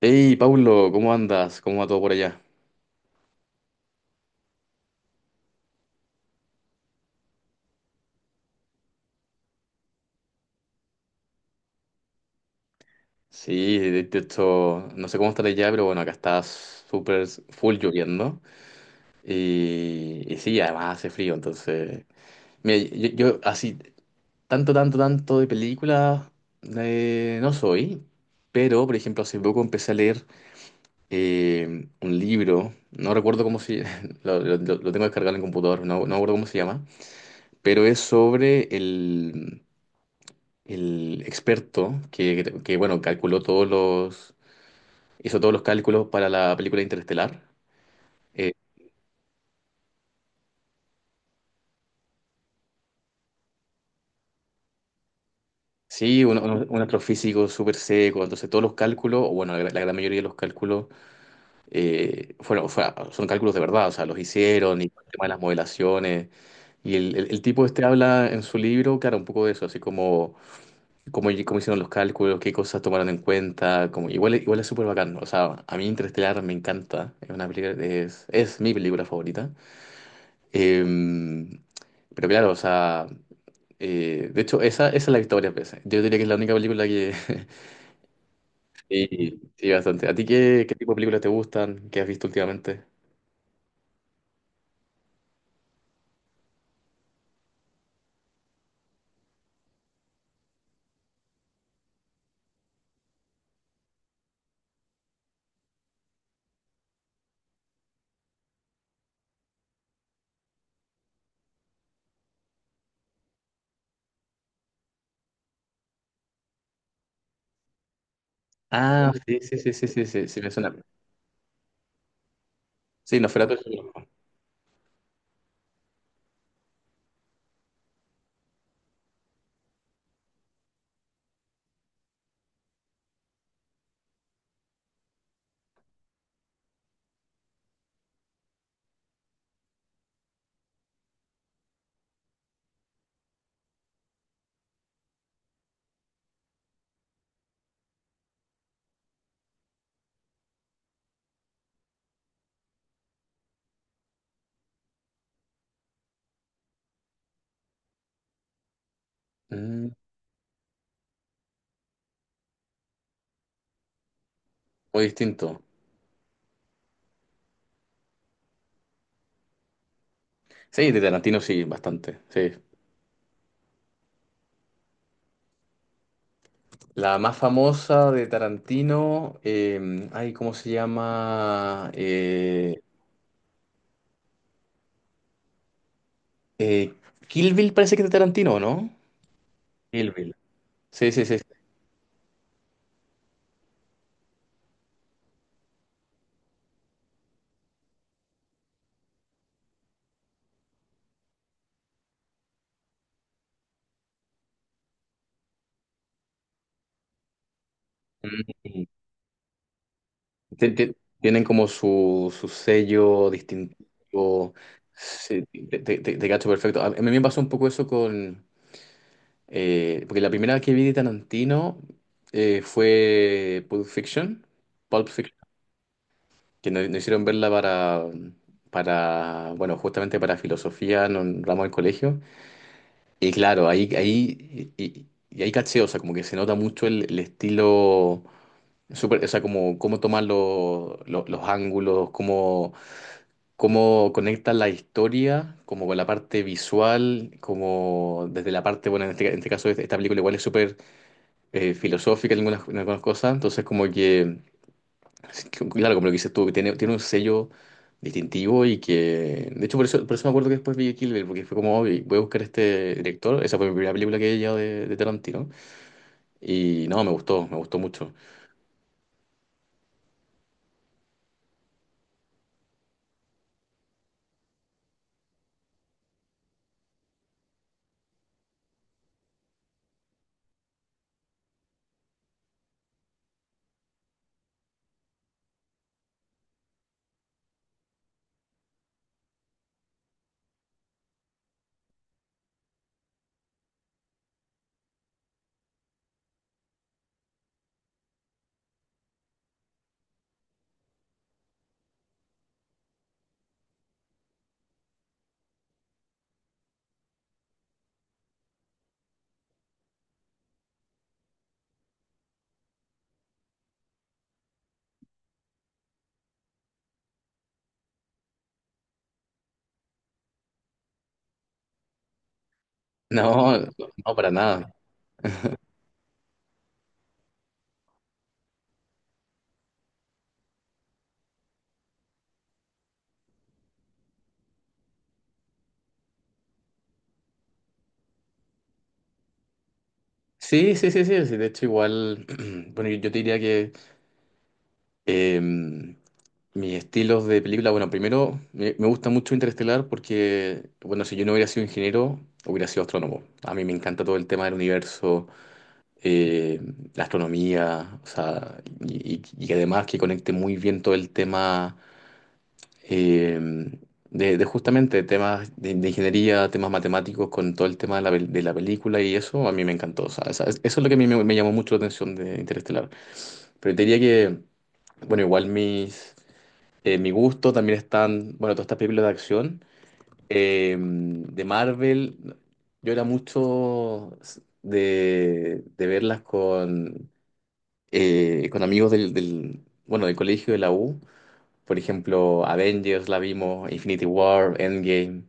Hey, Paulo, ¿cómo andas? ¿Cómo va todo por allá? Sí, de hecho, no sé cómo estará allá, pero bueno, acá está súper full lloviendo. Y sí, además hace frío, entonces. Mira, yo así, tanto, tanto, tanto de películas, no soy, pero por ejemplo, hace poco empecé a leer un libro, no recuerdo cómo se... Lo tengo descargado en el computador, no recuerdo cómo se llama, pero es sobre el... el experto que, bueno, calculó todos los... Hizo todos los cálculos para la película Interestelar. Eh, sí, un astrofísico súper seco, entonces todos los cálculos, o bueno, la gran mayoría de los cálculos eh, fueron, fue- son cálculos de verdad, o sea, los hicieron, y el tema de las modelaciones. Y el tipo este habla en su libro, claro, un poco de eso, así como cómo hicieron los cálculos, qué cosas tomaron en cuenta, como, igual, igual es súper bacán, ¿no? O sea, a mí Interestelar me encanta, es una película, es mi película favorita. Em, pero claro, o sea, de hecho, esa es la victoria, pues. Yo diría que es la única película que... Sí, sí, bastante. ¿A ti qué tipo de películas te gustan? ¿Qué has visto últimamente? Ah, sí, sí, sí, sí, sí, sí, sí, me suena. Sí, Nosferatu es... Mm, muy distinto. Sí, de Tarantino sí, bastante, sí. La más famosa de Tarantino, ay, ¿cómo se llama? Eh, Kill Bill parece que es de Tarantino, ¿no? Kill Bill. Sí, sí, sí. Sí. Ti- ti- Tienen como su sello distintivo. Sí, te cacho perfecto. A mí me pasó un poco eso con... porque la primera vez que vi de Tarantino fue Pulp Fiction. Pulp Fiction. Que nos hicieron verla para... Bueno, justamente para filosofía, no un ramo del colegio. Y claro, ahí, ahí, y ahí caché, o sea, como que se nota mucho el estilo. Súper, o sea, como cómo toman los los ángulos, cómo cómo conecta la historia, como con la parte visual, como desde la parte, bueno, en este caso esta película igual es súper filosófica en algunas cosas, entonces como que, claro, como lo que dices tú, que tiene, tiene un sello distintivo y que, de hecho por eso me acuerdo que después vi Kill Bill, porque fue como, "Oh, voy a buscar este director, esa fue mi primera película que vi ya de Tarantino, y no, me gustó mucho". ¿No No, no, para nada. Sí, sí, sí, sí, sí, de hecho igual, bueno, yo te diría que... Eh, Mis estilos de película, bueno, primero me gusta mucho Interestelar porque, bueno, si yo no hubiera sido ingeniero, hubiera sido astrónomo. A mí me encanta todo el tema del universo, eh, la astronomía, o sea, y, y- y además que conecte muy bien todo el tema eh, de justamente temas de ingeniería, temas matemáticos con todo el tema de la, de la película y eso, a mí me encantó. O sea, esa, eso es lo que a mí me llamó mucho la atención de Interestelar. Pero te diría que, bueno, igual mis mi gusto. También están, bueno, todas estas películas de acción. De Marvel, yo era mucho de verlas con amigos bueno, del colegio de la U. Por ejemplo, Avengers la vimos, Infinity War, Endgame.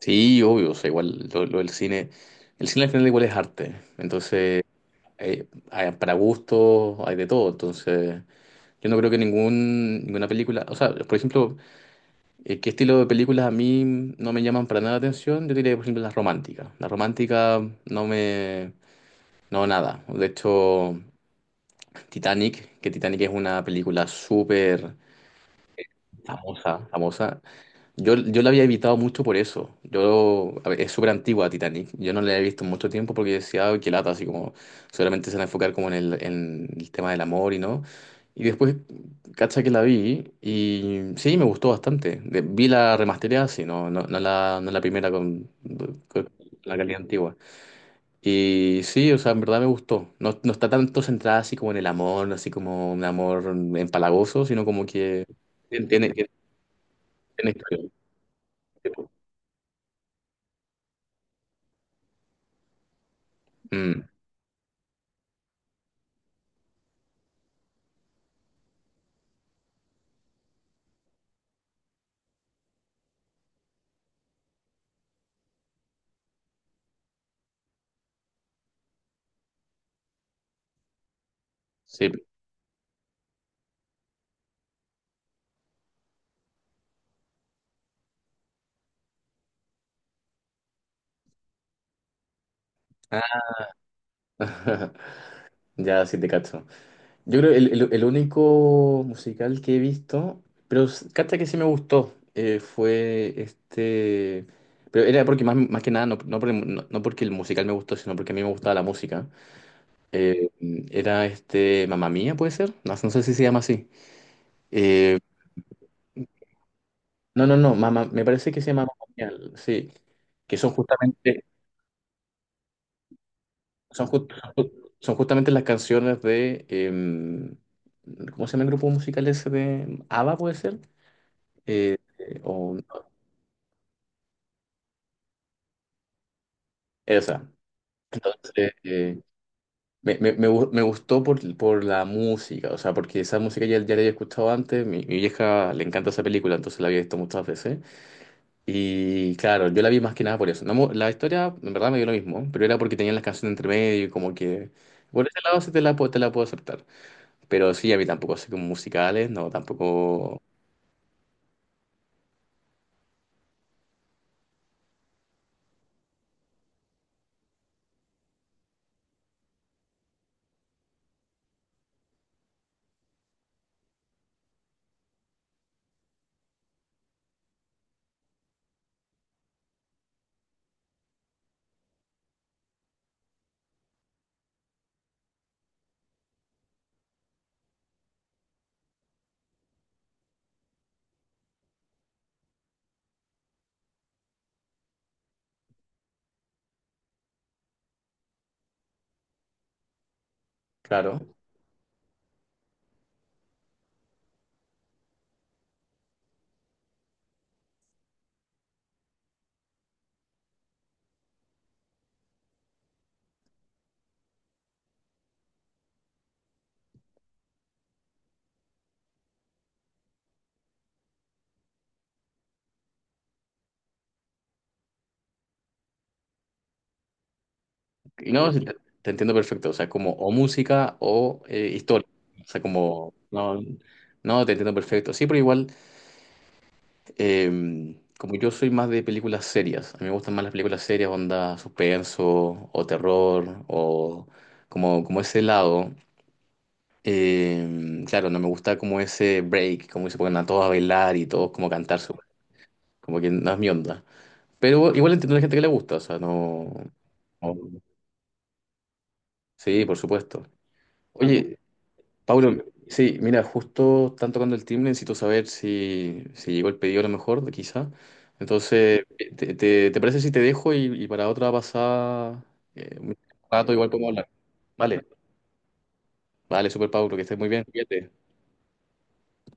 Sí, obvio, o sea, igual lo del cine. El cine al final igual es arte. Entonces, para gustos hay de todo. Entonces, yo no creo que ninguna película, o sea, por ejemplo, eh, ¿qué estilo de películas a mí no me llaman para nada la atención? Yo diría, por ejemplo, las románticas. Las románticas no me... No, nada. De hecho, Titanic, que Titanic es una película súper famosa, famosa. Yo la había evitado mucho por eso. Yo, a ver, es súper antigua Titanic. Yo no la he visto en mucho tiempo porque decía, "Ay, qué lata, así como solamente se van a enfocar como en en el tema del amor y no". Y después, cacha que la vi y sí, me gustó bastante. De... vi la remasterizada, sí, no la, no la primera con la calidad antigua. Y sí, o sea, en verdad me gustó. No, no está tanto centrada así como en el amor, así como un amor empalagoso, sino como que tiene, tiene, tiene historia. Sí. Ah, ya sí te cacho. Yo creo el único musical que he visto, pero s- cacha que sí me gustó, fue este. Pero era porque más, más que nada, no porque el musical me gustó, sino porque a mí me gustaba la música. Eh, Era este... Mamma Mía, ¿puede ser? No, no sé si se llama así. Eh, no, Mamma... me parece que se llama Mamma Mía, sí. Que son justamente... Son, ju- son justamente las canciones de, em, ¿cómo se llama el grupo musical ese de ABBA, puede ser? O esa. Entonces, me gustó por la música, o sea, porque esa música ya, ya la había escuchado antes, mi vieja le encanta esa película, entonces la había visto muchas veces. Y claro, yo la vi más que nada por eso. No mo- la historia, en verdad, me dio lo mismo, pero era porque tenían las canciones entre medio y como que, por ese lado sí te la, te la puedo aceptar. Pero sí, a mí tampoco sé como musicales, no, tampoco, claro. Y no, sí, te entiendo perfecto, o sea, como o música o historia. O sea, como, no, no, te entiendo perfecto. Sí, pero igual, como yo soy más de películas serias, a mí me gustan más las películas serias, onda suspenso o terror o como, como ese lado. Claro, no me gusta como ese break, como que se ponen a todos a bailar y todos como a cantar, como que no es mi onda. Pero igual entiendo a la gente que le gusta, o sea, no... Obvio. Sí, por supuesto. Claro. Oye, Pablo, sí, mira, justo están tocando el timbre, necesito saber si, si llegó el pedido a lo mejor, quizá. Entonces, ¿te, te parece si te dejo y para otra pasada, un rato igual podemos hablar? Vale, vale, super Pablo, que estés muy bien, cuídate.